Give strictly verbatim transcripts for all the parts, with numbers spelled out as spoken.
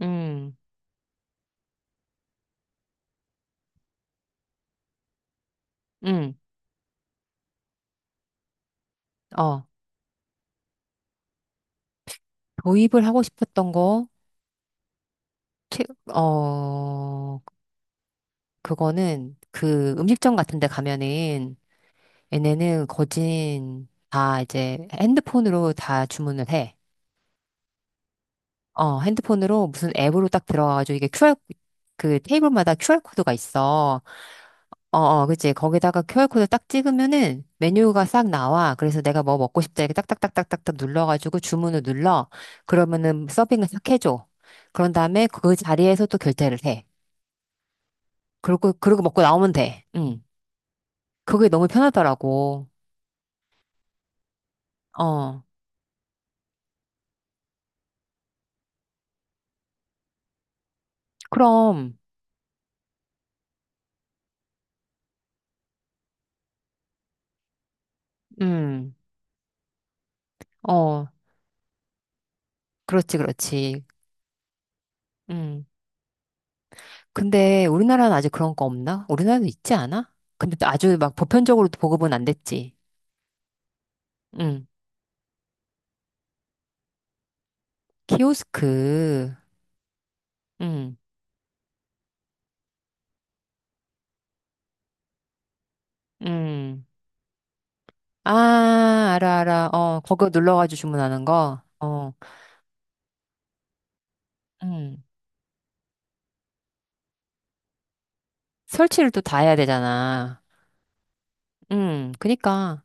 음, 음, 어, 도입을 하고 싶었던 거, 최, 어, 그거는 그 음식점 같은 데 가면은 얘네는 거진 다 이제 핸드폰으로 다 주문을 해. 어, 핸드폰으로 무슨 앱으로 딱 들어가가지고 이게 큐알, 그 테이블마다 큐알코드가 있어. 어, 어, 그치. 거기다가 큐알코드 딱 찍으면은 메뉴가 싹 나와. 그래서 내가 뭐 먹고 싶다 이렇게 딱딱딱딱딱딱 눌러가지고 주문을 눌러. 그러면은 서빙을 싹 해줘. 그런 다음에 그 자리에서 또 결제를 해. 그리고, 그러고 먹고 나오면 돼. 응. 그게 너무 편하더라고. 어. 그럼, 음, 어. 그렇지, 그렇지. 음. 근데 우리나라는 아직 그런 거 없나? 우리나라도 있지 않아? 근데 또 아주 막 보편적으로 보급은 안 됐지. 응. 키오스크. 응. 음. 아, 알아, 알아. 어, 거기 눌러가지고 주문하는 거. 어, 음. 설치를 또 다 해야 되잖아. 음, 그니까.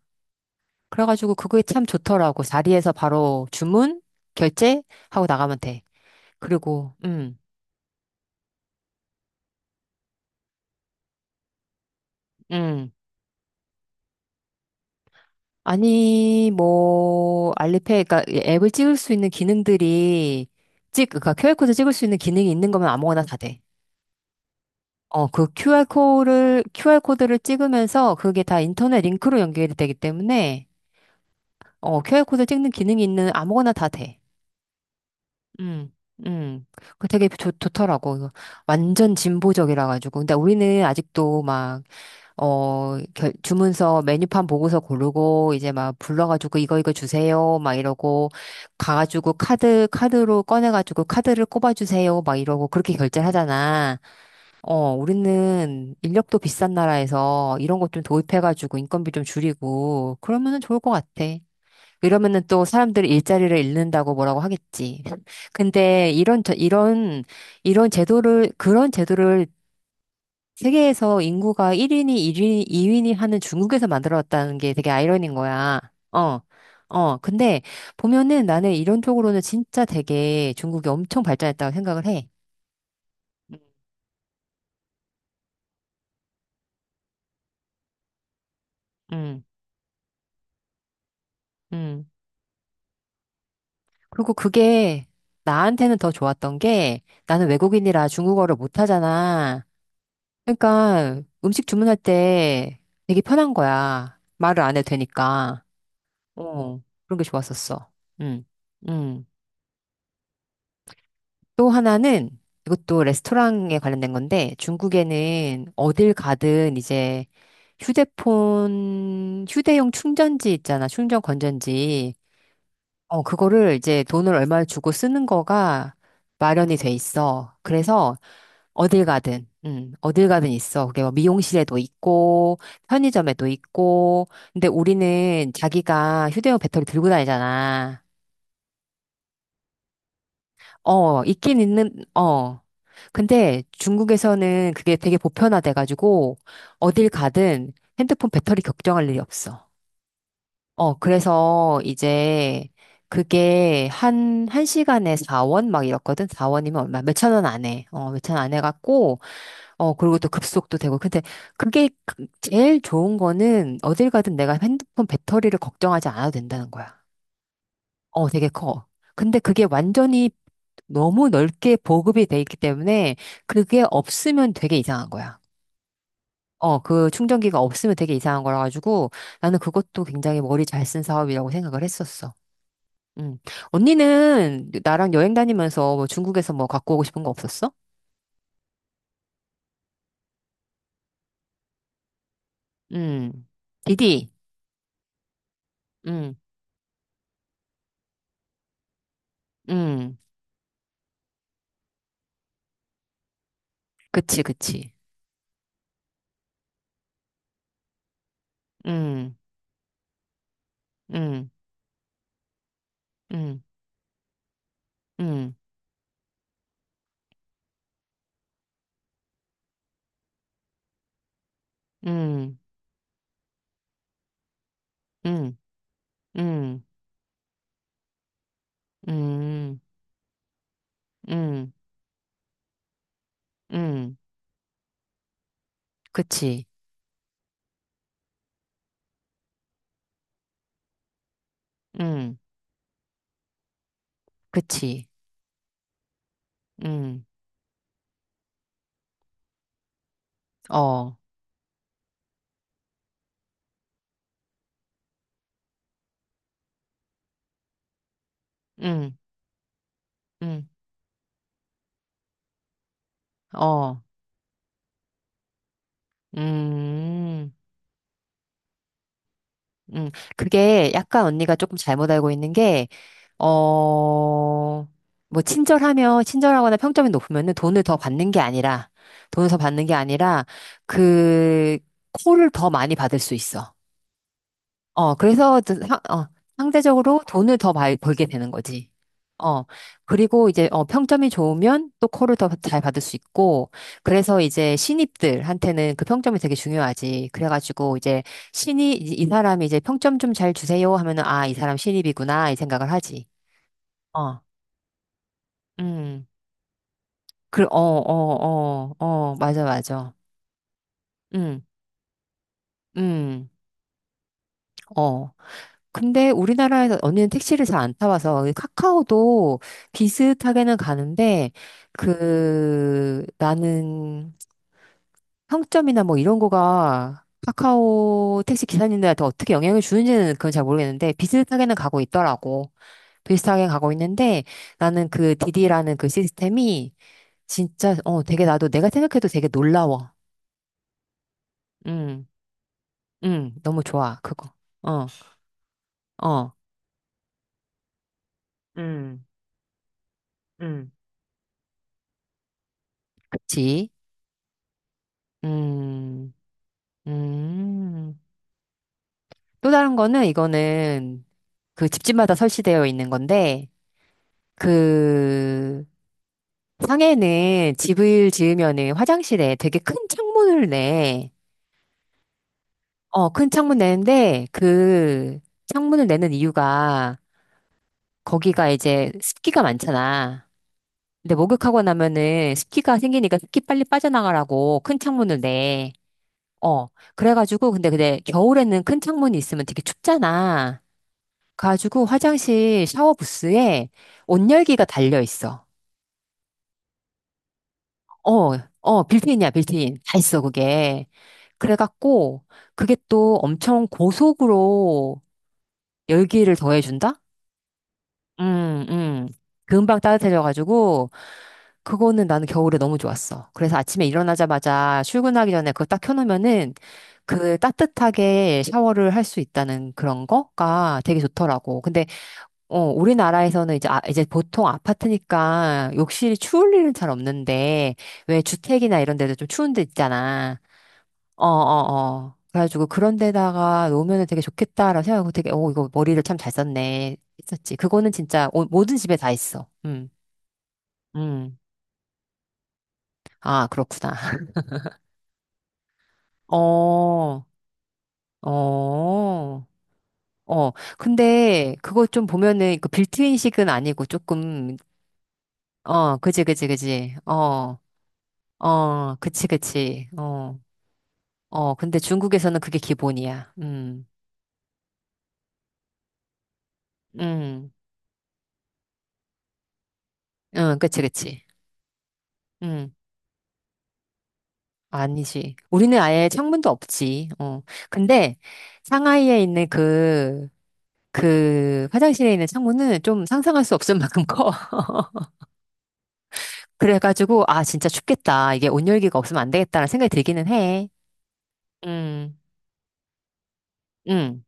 그래가지고 그게 참 좋더라고. 자리에서 바로 주문, 결제 하고 나가면 돼. 그리고, 음, 음. 아니, 뭐, 알리페이, 그니까 앱을 찍을 수 있는 기능들이, 찍, 그니까 큐알코드 찍을 수 있는 기능이 있는 거면 아무거나 다 돼. 어, 그 큐알 코드를, 큐알 코드를 찍으면서 그게 다 인터넷 링크로 연결이 되기 때문에, 어, 큐알 코드 찍는 기능이 있는 아무거나 다 돼. 음, 음. 그 되게 좋, 좋더라고. 이거 완전 진보적이라 가지고. 근데 우리는 아직도 막, 어, 결- 주문서 메뉴판 보고서 고르고, 이제 막 불러가지고 이거 이거 주세요. 막 이러고, 가가지고 카드, 카드로 꺼내가지고 카드를 꼽아주세요. 막 이러고 그렇게 결제를 하잖아. 어, 우리는 인력도 비싼 나라에서 이런 것 좀 도입해가지고 인건비 좀 줄이고 그러면은 좋을 것 같아. 이러면은 또 사람들이 일자리를 잃는다고 뭐라고 하겠지. 근데 이런, 저- 이런, 이런 제도를, 그런 제도를 세계에서 인구가 일 인이 일 위 이 인이 하는 중국에서 만들어왔다는 게 되게 아이러니인 거야. 어. 어, 근데 보면은 나는 이런 쪽으로는 진짜 되게 중국이 엄청 발전했다고 생각을 해. 음, 음. 음. 그리고 그게 나한테는 더 좋았던 게 나는 외국인이라 중국어를 못하잖아. 그러니까 음식 주문할 때 되게 편한 거야. 말을 안 해도 되니까. 어, 그런 게 좋았었어. 음, 음. 또 하나는 이것도 레스토랑에 관련된 건데 중국에는 어딜 가든 이제 휴대폰, 휴대용 충전지 있잖아. 충전 건전지. 어, 그거를 이제 돈을 얼마 주고 쓰는 거가 마련이 돼 있어. 그래서 어딜 가든, 음, 어딜 가든 있어. 그게 뭐 미용실에도 있고, 편의점에도 있고. 근데 우리는 자기가 휴대용 배터리 들고 다니잖아. 어, 있긴 있는, 어. 근데 중국에서는 그게 되게 보편화돼가지고, 어딜 가든 핸드폰 배터리 걱정할 일이 없어. 어, 그래서 이제 그게 한, 한 시간에 사 원 막 이렇거든? 사 원이면 얼마? 몇천 원 안 해. 어, 몇천 원 안 해갖고, 어, 그리고 또 급속도 되고. 근데 그게 그- 제일 좋은 거는 어딜 가든 내가 핸드폰 배터리를 걱정하지 않아도 된다는 거야. 어, 되게 커. 근데 그게 완전히 너무 넓게 보급이 돼 있기 때문에 그게 없으면 되게 이상한 거야. 어, 그 충전기가 없으면 되게 이상한 거라 가지고 나는 그것도 굉장히 머리 잘 쓴 사업이라고 생각을 했었어. 음. 언니는 나랑 여행 다니면서 뭐 중국에서 뭐 갖고 오고 싶은 거 없었어? 음. 디디. 음. 음. 그치, 그치. 음. 음. 음. 음. 음. 음. 음. 음. 음. 음. 그치. 음. 그치. 음. 어. 음. 음. 어. 음. 음, 그게 약간 언니가 조금 잘못 알고 있는 게, 어, 뭐, 친절하면, 친절하거나 평점이 높으면은 돈을 더 받는 게 아니라, 돈을 더 받는 게 아니라, 그, 콜을 더 많이 받을 수 있어. 어, 그래서 저 상- 어, 상대적으로 돈을 더 많이 벌게 되는 거지. 어, 그리고 이제 어, 평점이 좋으면 또 콜을 더 잘 받을 수 있고, 그래서 이제 신입들한테는 그 평점이 되게 중요하지. 그래가지고 이제 신이, 이, 이 사람이 이제 평점 좀 잘 주세요 하면은, 아, 이 사람 신입이구나, 이 생각을 하지. 어, 음, 그, 어, 어, 어, 어, 맞아, 맞아. 음, 음, 어. 근데 우리나라에서 언니는 택시를 잘 안 타봐서 이 카카오도 비슷하게는 가는데 그 나는 평점이나 뭐 이런 거가 카카오 택시 기사님들한테 어떻게 영향을 주는지는 그건 잘 모르겠는데 비슷하게는 가고 있더라고. 비슷하게 가고 있는데 나는 그 디디라는 그 시스템이 진짜 어 되게 나도 내가 생각해도 되게 놀라워. 음, 음, 너무 좋아 그거. 어, 어, 음, 음, 그치. 음. 음. 또 다른 거는 이거는 그 집집마다 설치되어 있는 건데 그 상해는 집을 지으면은 화장실에 되게 큰 창문을 내. 어, 큰 창문 내는데 그 창문을 내는 이유가 거기가 이제 습기가 많잖아. 근데 목욕하고 나면은 습기가 생기니까 습기 빨리 빠져나가라고 큰 창문을 내. 어, 그래가지고 근데 근데 겨울에는 큰 창문이 있으면 되게 춥잖아. 가지고 화장실 샤워 부스에 온열기가 달려 있어. 어, 어, 빌트인이야, 빌트인. 다 있어, 그게. 그래갖고, 그게 또 엄청 고속으로 열기를 더해준다? 음, 음. 금방 따뜻해져가지고, 그거는 나는 겨울에 너무 좋았어. 그래서 아침에 일어나자마자 출근하기 전에 그거 딱 켜놓으면은 그 따뜻하게 샤워를 할 수 있다는 그런 거가 되게 좋더라고. 근데 어, 우리나라에서는 이제, 아, 이제 보통 아파트니까 욕실이 추울 일은 잘 없는데, 왜 주택이나 이런 데도 좀 추운 데 있잖아. 어, 어, 어. 그래가지고 그런 데다가 놓으면 되게 좋겠다라고 생각하고 되게, 어, 이거 머리를 참 잘 썼네. 했었지. 그거는 진짜 오- 모든 집에 다 있어. 음, 음. 아, 그렇구나. 어, 어, 어. 근데 그거 좀 보면은 그 빌트인식은 아니고 조금, 어, 그지, 그지, 그지. 어. 어, 그치, 그치. 어, 어, 근데 중국에서는 그게 기본이야. 음, 음, 응, 그치, 그치. 음, 아니지. 우리는 아예 창문도 없지. 어, 근데 상하이에 있는 그, 그 화장실에 있는 창문은 좀 상상할 수 없을 만큼 커. 그래가지고, 아, 진짜 춥겠다. 이게 온열기가 없으면 안 되겠다라는 생각이 들기는 해. 음, 음,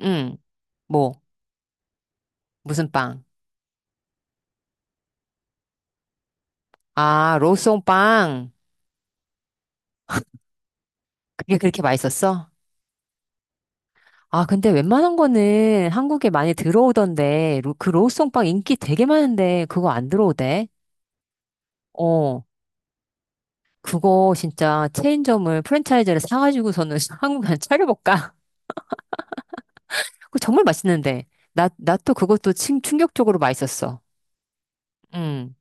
음. 뭐, 무슨 빵? 아, 로송빵. 그게 그렇게 맛있었어? 아, 근데 웬만한 거는 한국에 많이 들어오던데, 로- 그 로우송빵 인기 되게 많은데, 그거 안 들어오대? 어, 그거 진짜 체인점을, 프랜차이즈를 사가지고서는 한국에 한 차려볼까? 그거 정말 맛있는데. 나, 나 또 그것도 충, 충격적으로 맛있었어. 응.